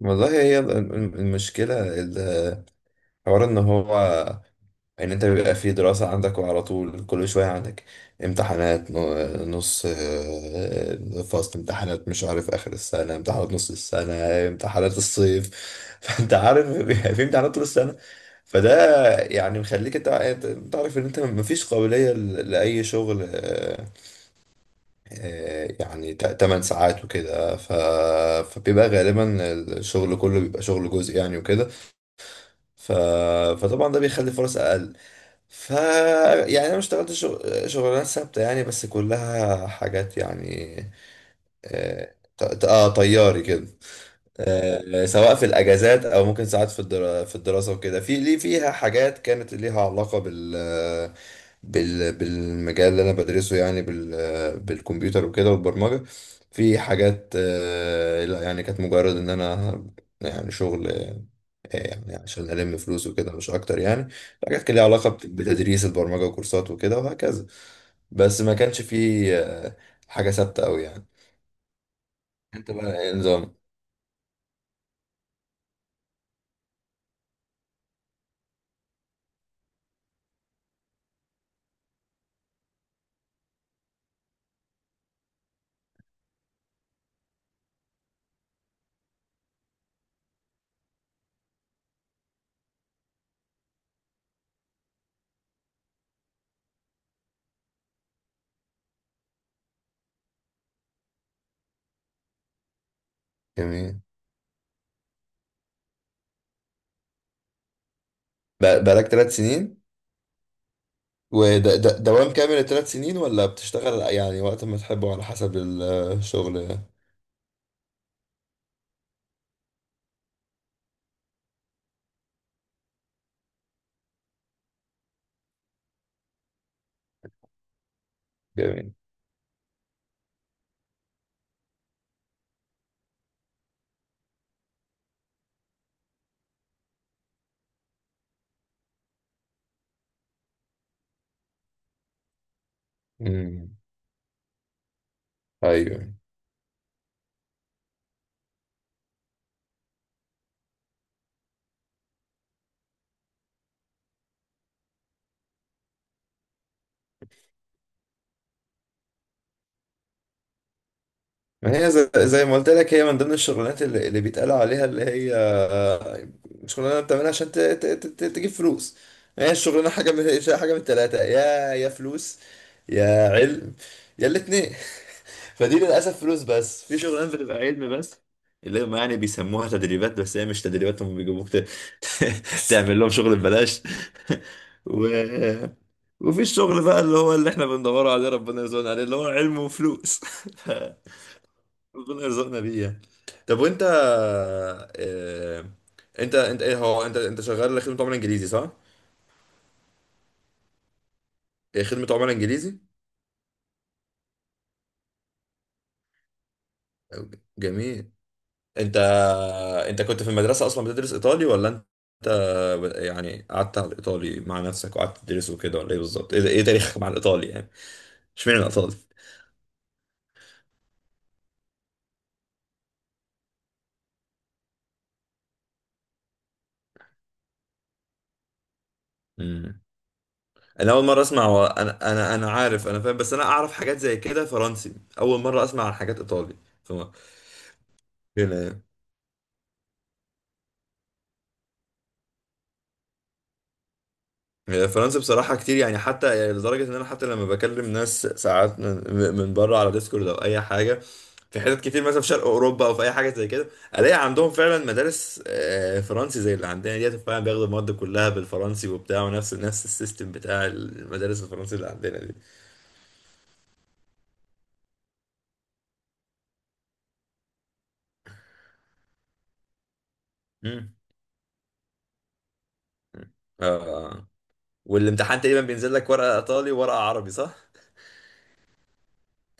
والله هي المشكلة حوار ان هو ان انت بيبقى في دراسة عندك، وعلى طول كل شوية عندك امتحانات نص فصل، امتحانات مش عارف، اخر السنة امتحانات نص السنة امتحانات الصيف. فانت عارف بيبقى في امتحانات طول السنة. فده يعني مخليك أنت عارف ان انت مفيش قابلية لأي شغل يعني 8 ساعات وكده. فبيبقى غالبا الشغل كله بيبقى شغل جزئي يعني وكده ف... فطبعا ده بيخلي فرص اقل ف يعني انا ما اشتغلتش شغلانات ثابته يعني، بس كلها حاجات يعني اه طياري كده، سواء في الاجازات او ممكن ساعات في في الدراسه وكده، في ليه فيها حاجات كانت ليها علاقه بالمجال اللي انا بدرسه يعني، بالكمبيوتر وكده والبرمجه. في حاجات، لا يعني، كانت مجرد ان انا يعني شغل يعني عشان الم فلوس وكده، مش اكتر يعني. في حاجات كان ليها علاقه بتدريس البرمجه وكورسات وكده وهكذا، بس ما كانش فيه حاجه ثابته قوي يعني. انت بقى إيه نظام؟ جميل. بقالك 3 سنين؟ وده ده دوام كامل الثلاث سنين ولا بتشتغل يعني وقت ما تحبه على حسب الشغل؟ جميل. امم. ايوه، ما هي زي ما قلت لك، هي من ضمن الشغلانات اللي بيتقال عليها اللي هي شغلانه بتعملها عشان تجيب فلوس. هي الشغلانه حاجه من التلاته، يا فلوس يا علم يا الاتنين. فدي للاسف فلوس بس، في شغلانه بتبقى علم بس، اللي هم يعني بيسموها تدريبات، بس هي مش تدريبات، هم بيجيبوك تعمل لهم شغل ببلاش. و... وفي الشغل بقى اللي هو اللي احنا بندور عليه ربنا يرزقنا عليه، اللي هو علم وفلوس. ربنا يرزقنا بيه يعني. طب وانت آه... انت انت ايه هو انت انت شغال خدمة عملاء انجليزي، صح؟ ايه، خدمة عملاء انجليزي؟ جميل. انت انت كنت في المدرسة اصلا بتدرس ايطالي، ولا انت يعني قعدت على الايطالي مع نفسك وقعدت تدرسه كده، ولا ايه بالظبط؟ ايه تاريخك مع الايطالي يعني؟ اشمعنى الايطالي؟ امم انا اول مره اسمع. انا عارف، انا فاهم، بس انا اعرف حاجات زي كده فرنسي، اول مره اسمع عن حاجات ايطالي. فاهم. هي فرنسا بصراحة كتير يعني، حتى يعني لدرجة إن أنا حتى لما بكلم ناس ساعات من بره على ديسكورد أو أي حاجة، في حتت كتير مثلا في شرق أوروبا أو في أي حاجة زي كده، ألاقي عندهم فعلا مدارس فرنسي زي اللي عندنا ديت، فعلا بياخدوا المواد كلها بالفرنسي وبتاع، ونفس نفس السيستم بتاع المدارس الفرنسي اللي عندنا دي. مم. آه. والامتحان تقريبا بينزل لك ورقة إيطالي وورقة عربي، صح؟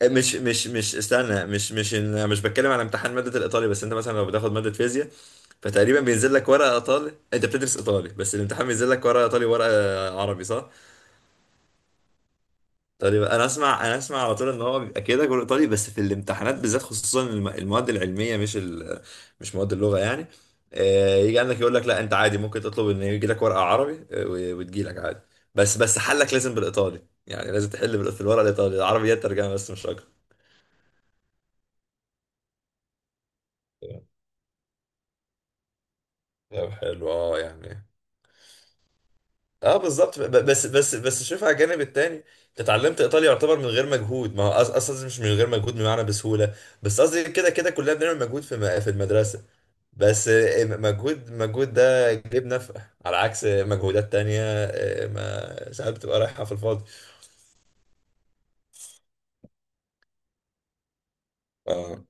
مش مش مش استنى، مش مش مش بتكلم على امتحان مادة الإيطالي، بس أنت مثلا لو بتاخد مادة فيزياء، فتقريبا بينزل لك ورقه ايطالي، انت بتدرس ايطالي بس الامتحان بينزل لك ورقه ايطالي ورقه عربي، صح؟ تقريبا انا اسمع، انا اسمع على طول، ان هو بيبقى كده كله ايطالي، بس في الامتحانات بالذات، خصوصا المواد العلميه، مش، مش مواد اللغه يعني. يجي عندك يقول لك لا، انت عادي ممكن تطلب ان يجي لك ورقه عربي، وتجي لك عادي، بس بس حلك لازم بالايطالي، يعني لازم تحل في الورقه الايطالي، العربي هي الترجمه بس مش اكتر. طب حلو، اه يعني. اه بالظبط. بس شوف على الجانب التاني، انت اتعلمت ايطالي يعتبر من غير مجهود. ما هو اصلا مش من غير مجهود، بمعنى بسهوله. بس قصدي كده كده كلنا بنعمل مجهود في المدرسه، بس مجهود مجهود ده جيب نفع، على عكس مجهودات تانية ما ساعات بتبقى رايحه في الفاضي. اه،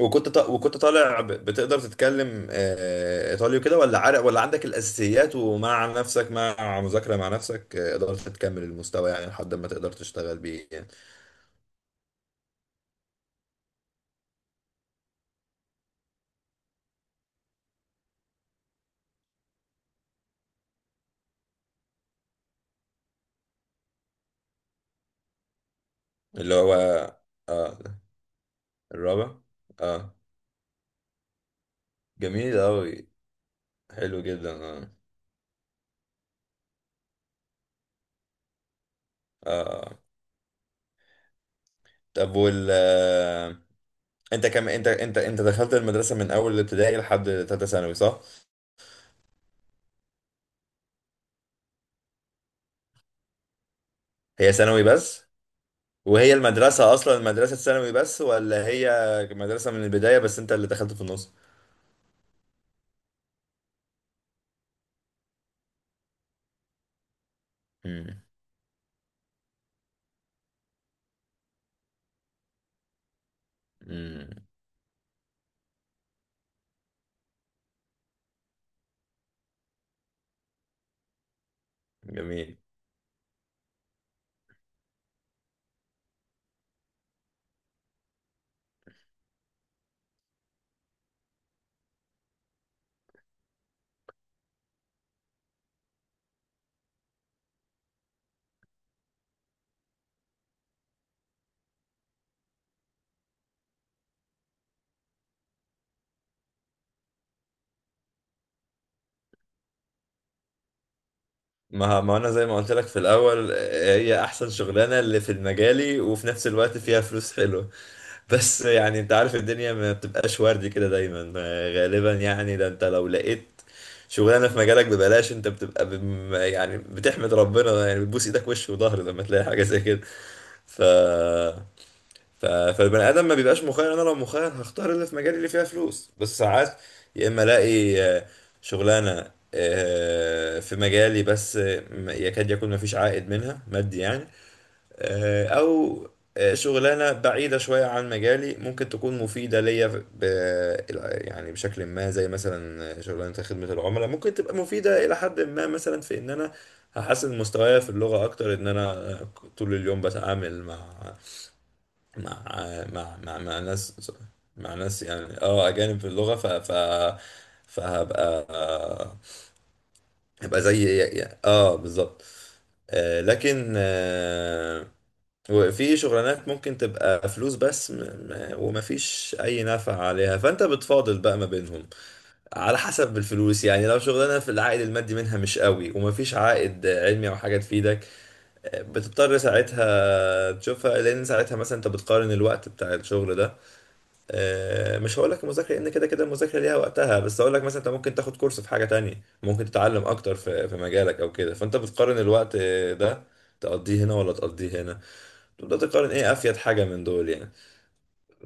وكنت طالع بتقدر تتكلم ايطالي وكده، ولا عارف، ولا عندك الاساسيات ومع نفسك مع مذاكره مع نفسك قدرت تكمل المستوى يعني لحد ما تقدر تشتغل بيه؟ اللي هو اه. الرابع. اه. جميل أوي. حلو جدا. اه اه. طب وال آه، انت كم انت دخلت المدرسة من أول ابتدائي لحد تالتة ثانوي، صح؟ هي ثانوي بس؟ وهي المدرسة أصلا مدرسة ثانوي بس، ولا هي مدرسة من البداية بس أنت اللي دخلت في النص؟ امم. امم. جميل. ما انا زي ما قلت لك في الاول، هي احسن شغلانه اللي في مجالي وفي نفس الوقت فيها فلوس حلوه. بس يعني انت عارف الدنيا ما بتبقاش وردي كده دايما، غالبا يعني. ده انت لو لقيت شغلانه في مجالك ببلاش، انت بتبقى بم يعني بتحمد ربنا يعني، بتبوس ايدك وش وظهر لما تلاقي حاجه زي كده. ف فالبني ادم ما بيبقاش مخير. انا لو مخير هختار اللي في مجالي اللي فيها فلوس، بس ساعات يا اما الاقي شغلانه في مجالي بس يكاد يكون ما فيش عائد منها مادي يعني، او شغلانه بعيده شويه عن مجالي ممكن تكون مفيده ليا، ب- يعني بشكل ما، زي مثلا شغلانه خدمه العملاء ممكن تبقى مفيده الى حد ما، مثلا في ان انا هحسن مستواي في اللغه اكتر، ان انا طول اليوم بتعامل مع مع مع مع ناس مع ناس يعني، اه اجانب في اللغه، ف ف فهبقى هبقى زي يعني، اه بالظبط. لكن وفي شغلانات ممكن تبقى فلوس بس، ومفيش اي نفع عليها، فانت بتفاضل بقى ما بينهم على حسب الفلوس يعني. لو شغلانه في العائد المادي منها مش قوي، ومفيش عائد علمي او حاجه تفيدك، بتضطر ساعتها تشوفها، لان ساعتها مثلا انت بتقارن الوقت بتاع الشغل ده، مش هقول لك مذاكره لان كده كده المذاكره ليها وقتها، بس هقول لك مثلا انت ممكن تاخد كورس في حاجه تانية، ممكن تتعلم اكتر في مجالك او كده، فانت بتقارن الوقت ده تقضيه هنا ولا تقضيه هنا، تبدا تقارن ايه افيد حاجه من دول يعني.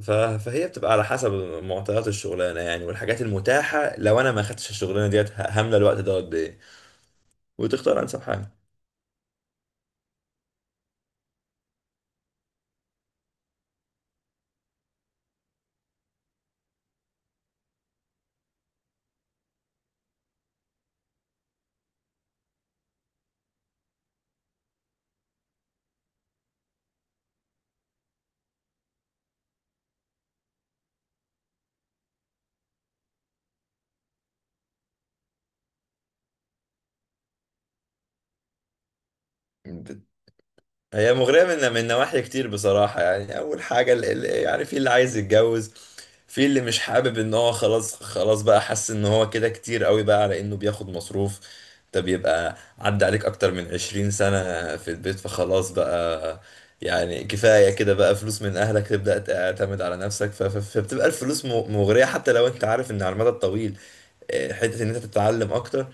ف- فهي بتبقى على حسب معطيات الشغلانه يعني، والحاجات المتاحه لو انا ما خدتش الشغلانه ديت هامله الوقت ده قد ايه، وتختار انسب حاجه. هي مغرية من نواحي كتير بصراحة يعني. أول حاجة يعني في اللي عايز يتجوز، في اللي مش حابب إن هو خلاص خلاص بقى، حس إن هو كده كتير قوي بقى على إنه بياخد مصروف. ده بيبقى عدى عليك أكتر من 20 سنة في البيت، فخلاص بقى يعني، كفاية كده بقى فلوس من أهلك، تبدأ تعتمد على نفسك. فبتبقى الفلوس مغرية، حتى لو أنت عارف إن على المدى الطويل، حتة إن أنت تتعلم أكتر،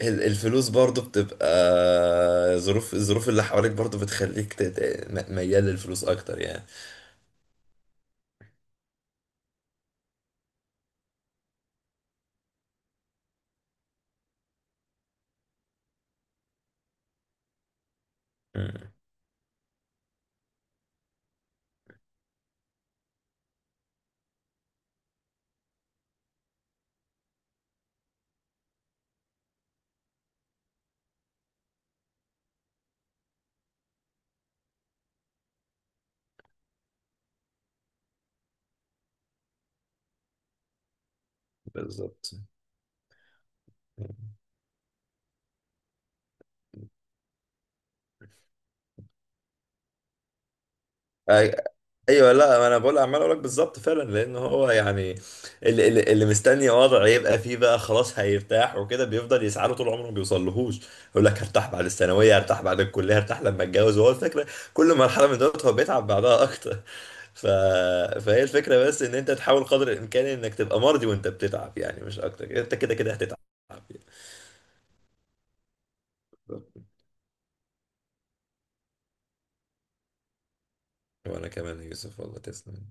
الفلوس برضو بتبقى، الظروف اللي حواليك برضو بتخليك ميال للفلوس اكتر يعني. مم. بالظبط. أي- ايوه، لا، ما انا بقول عمال اقول لك بالظبط، فعلا لان هو يعني اللي مستني وضع يبقى فيه بقى خلاص هيرتاح وكده، بيفضل يسعى له طول عمره ما بيوصلهوش. يقول لك هرتاح بعد الثانويه، هرتاح بعد الكليه، هرتاح لما اتجوز، وهو الفكره كل مرحله من دول هو بيتعب بعدها اكتر ف... فهي الفكره بس ان انت تحاول قدر الامكان انك تبقى مرضي وانت بتتعب يعني، مش اكتر، انت كده كده هتتعب يعني. وانا كمان يا يوسف، والله تسلم.